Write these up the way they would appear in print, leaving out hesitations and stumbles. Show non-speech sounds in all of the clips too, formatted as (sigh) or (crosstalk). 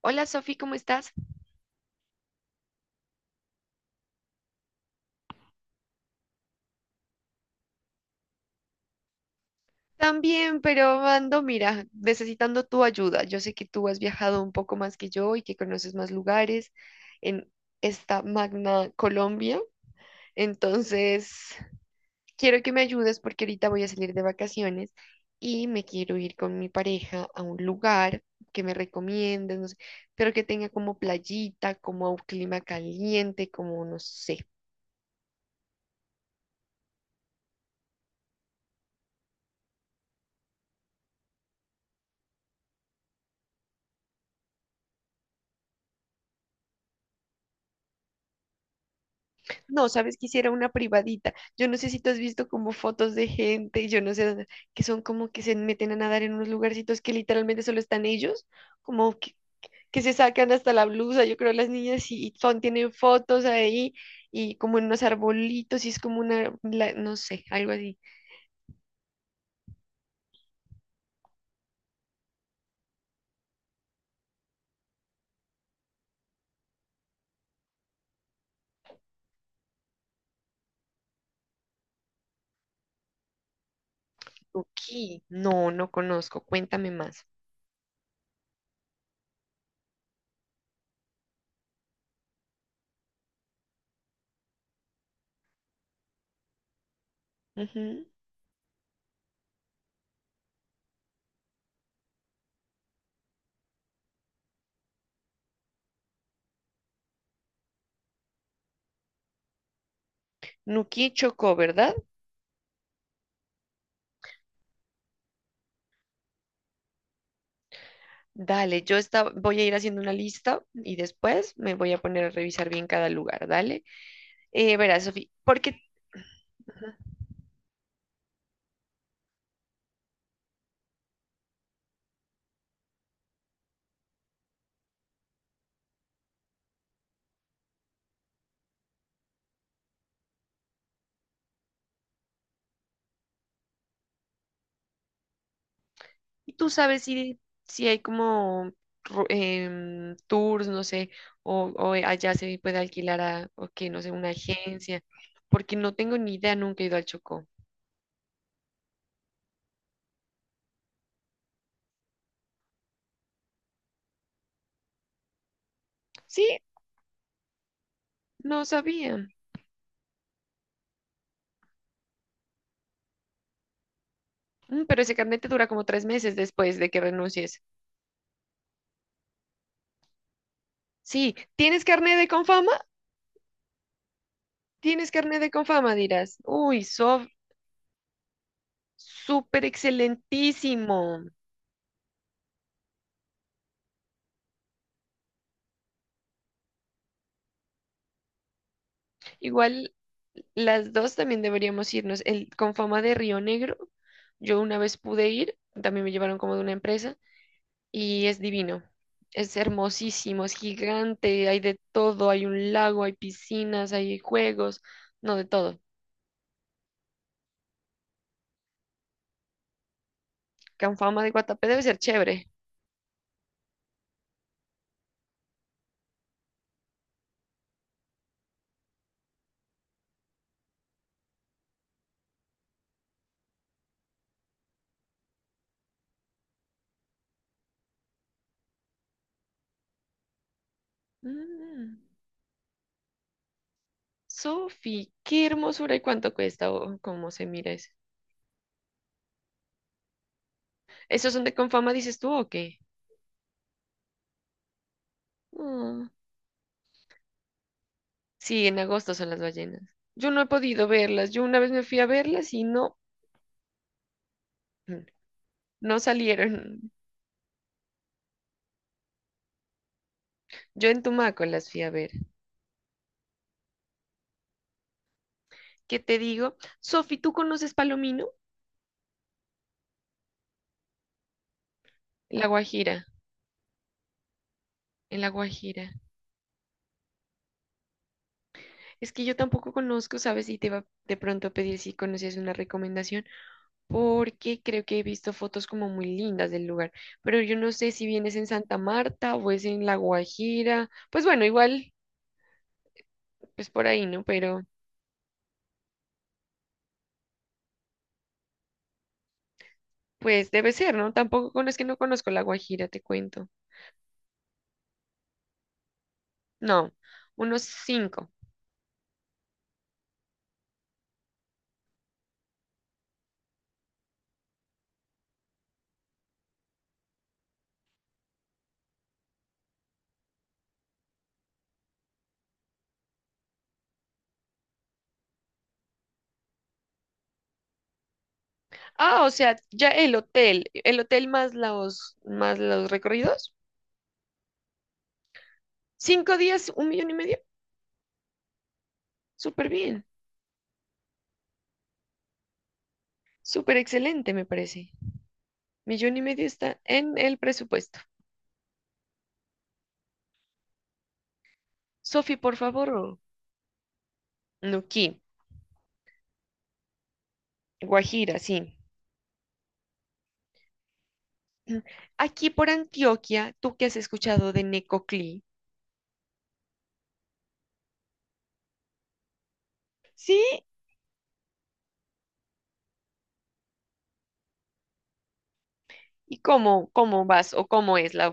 Hola Sofi, ¿cómo estás? También, pero ando, mira, necesitando tu ayuda. Yo sé que tú has viajado un poco más que yo y que conoces más lugares en esta magna Colombia. Entonces, quiero que me ayudes porque ahorita voy a salir de vacaciones y me quiero ir con mi pareja a un lugar que me recomiendes, no sé, pero que tenga como playita, como un clima caliente, como no sé. No, sabes, quisiera una privadita. Yo no sé si tú has visto como fotos de gente, yo no sé, que son como que se meten a nadar en unos lugarcitos que literalmente solo están ellos, como que se sacan hasta la blusa, yo creo las niñas y son, tienen fotos ahí y como en unos arbolitos y es como una, no sé, algo así. Nuki, no, no conozco, cuéntame más. Ujú. Nuki Chocó, ¿verdad? Dale, yo voy a ir haciendo una lista y después me voy a poner a revisar bien cada lugar, dale. Verás, Sofi, porque ajá. Y tú sabes si hay como tours, no sé, o allá se puede alquilar a, o que, no sé, una agencia, porque no tengo ni idea, nunca he ido al Chocó. Sí, no sabía. Mm, pero ese carnet te dura como 3 meses después de que renuncies. Sí, ¿tienes carnet de Confama? ¿Tienes carnet de Confama? Dirás. Uy, Sof, súper excelentísimo. Igual las dos también deberíamos irnos. El con fama de Río Negro, yo una vez pude ir, también me llevaron como de una empresa y es divino. Es hermosísimo, es gigante, hay de todo, hay un lago, hay piscinas, hay juegos, no de todo. Con fama de Guatapé debe ser chévere. Mm, Sofi, qué hermosura y cuánto cuesta o cómo se mira eso. ¿Esos son de Confama, dices tú o qué? Sí, en agosto son las ballenas. Yo no he podido verlas. Yo una vez me fui a verlas y no, mm, no salieron. Yo en Tumaco las fui a ver. ¿Qué te digo? Sofi, ¿tú conoces Palomino? En La Guajira, en La Guajira. Es que yo tampoco conozco, ¿sabes? Y te iba de pronto a pedir si conocías una recomendación, porque creo que he visto fotos como muy lindas del lugar. Pero yo no sé si vienes en Santa Marta o es en La Guajira. Pues bueno, igual, pues por ahí, ¿no? Pero pues debe ser, ¿no? Tampoco con, es que no conozco La Guajira, te cuento. No, unos cinco. Ah, o sea, ya el hotel más los recorridos. 5 días, 1,5 millones. Súper bien, súper excelente, me parece. 1,5 millones está en el presupuesto. Sofi, por favor. Nuquí, Guajira, sí. Mm. Aquí por Antioquia, ¿tú qué has escuchado de Necoclí? ¿Sí? ¿Y cómo vas o cómo es la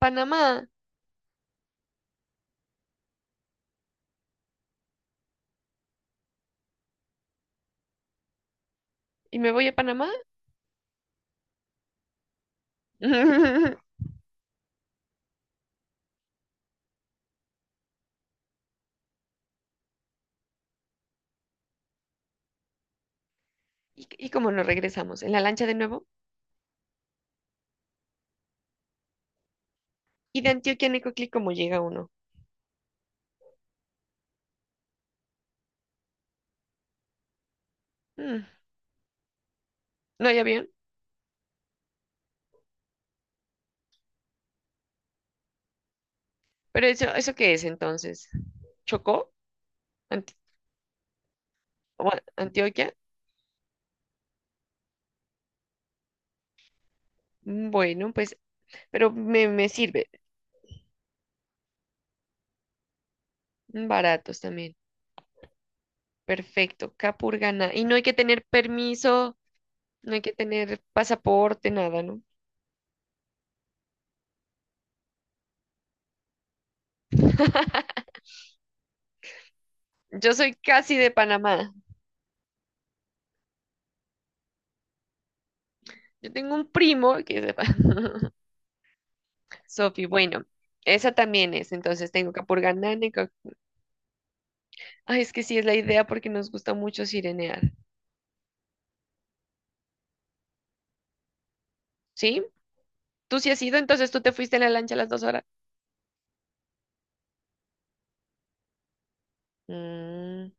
Panamá? ¿Y me voy a Panamá? (laughs) ¿Y cómo nos regresamos? ¿En la lancha de nuevo? ¿Y de Antioquia a Necoclí cómo llega uno? Mm, ¿No hay avión? ¿Pero eso qué es entonces? ¿Chocó? Ant- o ¿Antioquia? Mm, bueno, pues, pero me sirve. Baratos también. Perfecto. Capurganá. Y no hay que tener permiso, no hay que tener pasaporte, nada, ¿no? (laughs) Yo soy casi de Panamá. Yo tengo un primo que es de Panamá. (laughs) Sofi, bueno, esa también es. Entonces tengo Capurganá, ay, es que sí es la idea porque nos gusta mucho sirenear. ¿Sí? ¿Tú sí has ido? Entonces tú te fuiste en la lancha a las 2 horas. Mm,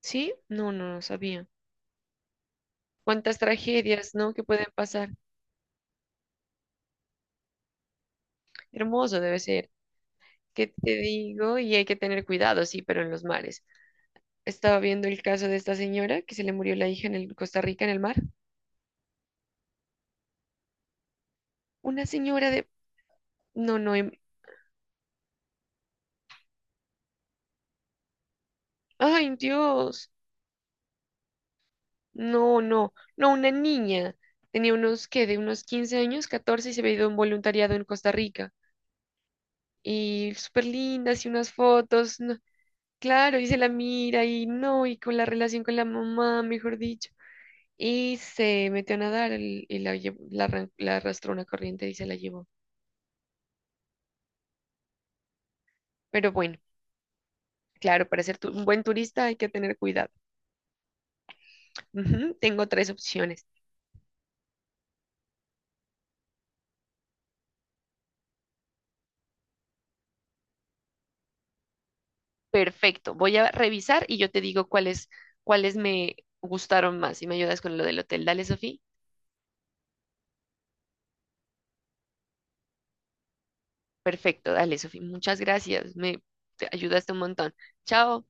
¿sí? No, no, no sabía. Cuántas tragedias, ¿no? Que pueden pasar. Hermoso debe ser. ¿Qué te digo? Y hay que tener cuidado, sí, pero en los mares. Estaba viendo el caso de esta señora que se le murió la hija en el Costa Rica en el mar. Una señora de... No, no. Ay, Dios. No, no. No, una niña. Tenía unos, ¿qué? De unos 15 años, 14 y se había ido a un voluntariado en Costa Rica. Y súper lindas y unas fotos, no, claro, y se la mira y no, y con la relación con la mamá, mejor dicho, y se metió a nadar y la, la, la arrastró una corriente y se la llevó. Pero bueno, claro, para ser un buen turista hay que tener cuidado. Ujú, tengo tres opciones. Perfecto, voy a revisar y yo te digo cuáles, me gustaron más y me ayudas con lo del hotel. Dale, Sofía. Perfecto, dale, Sofía. Muchas gracias. Me te ayudaste un montón. Chao.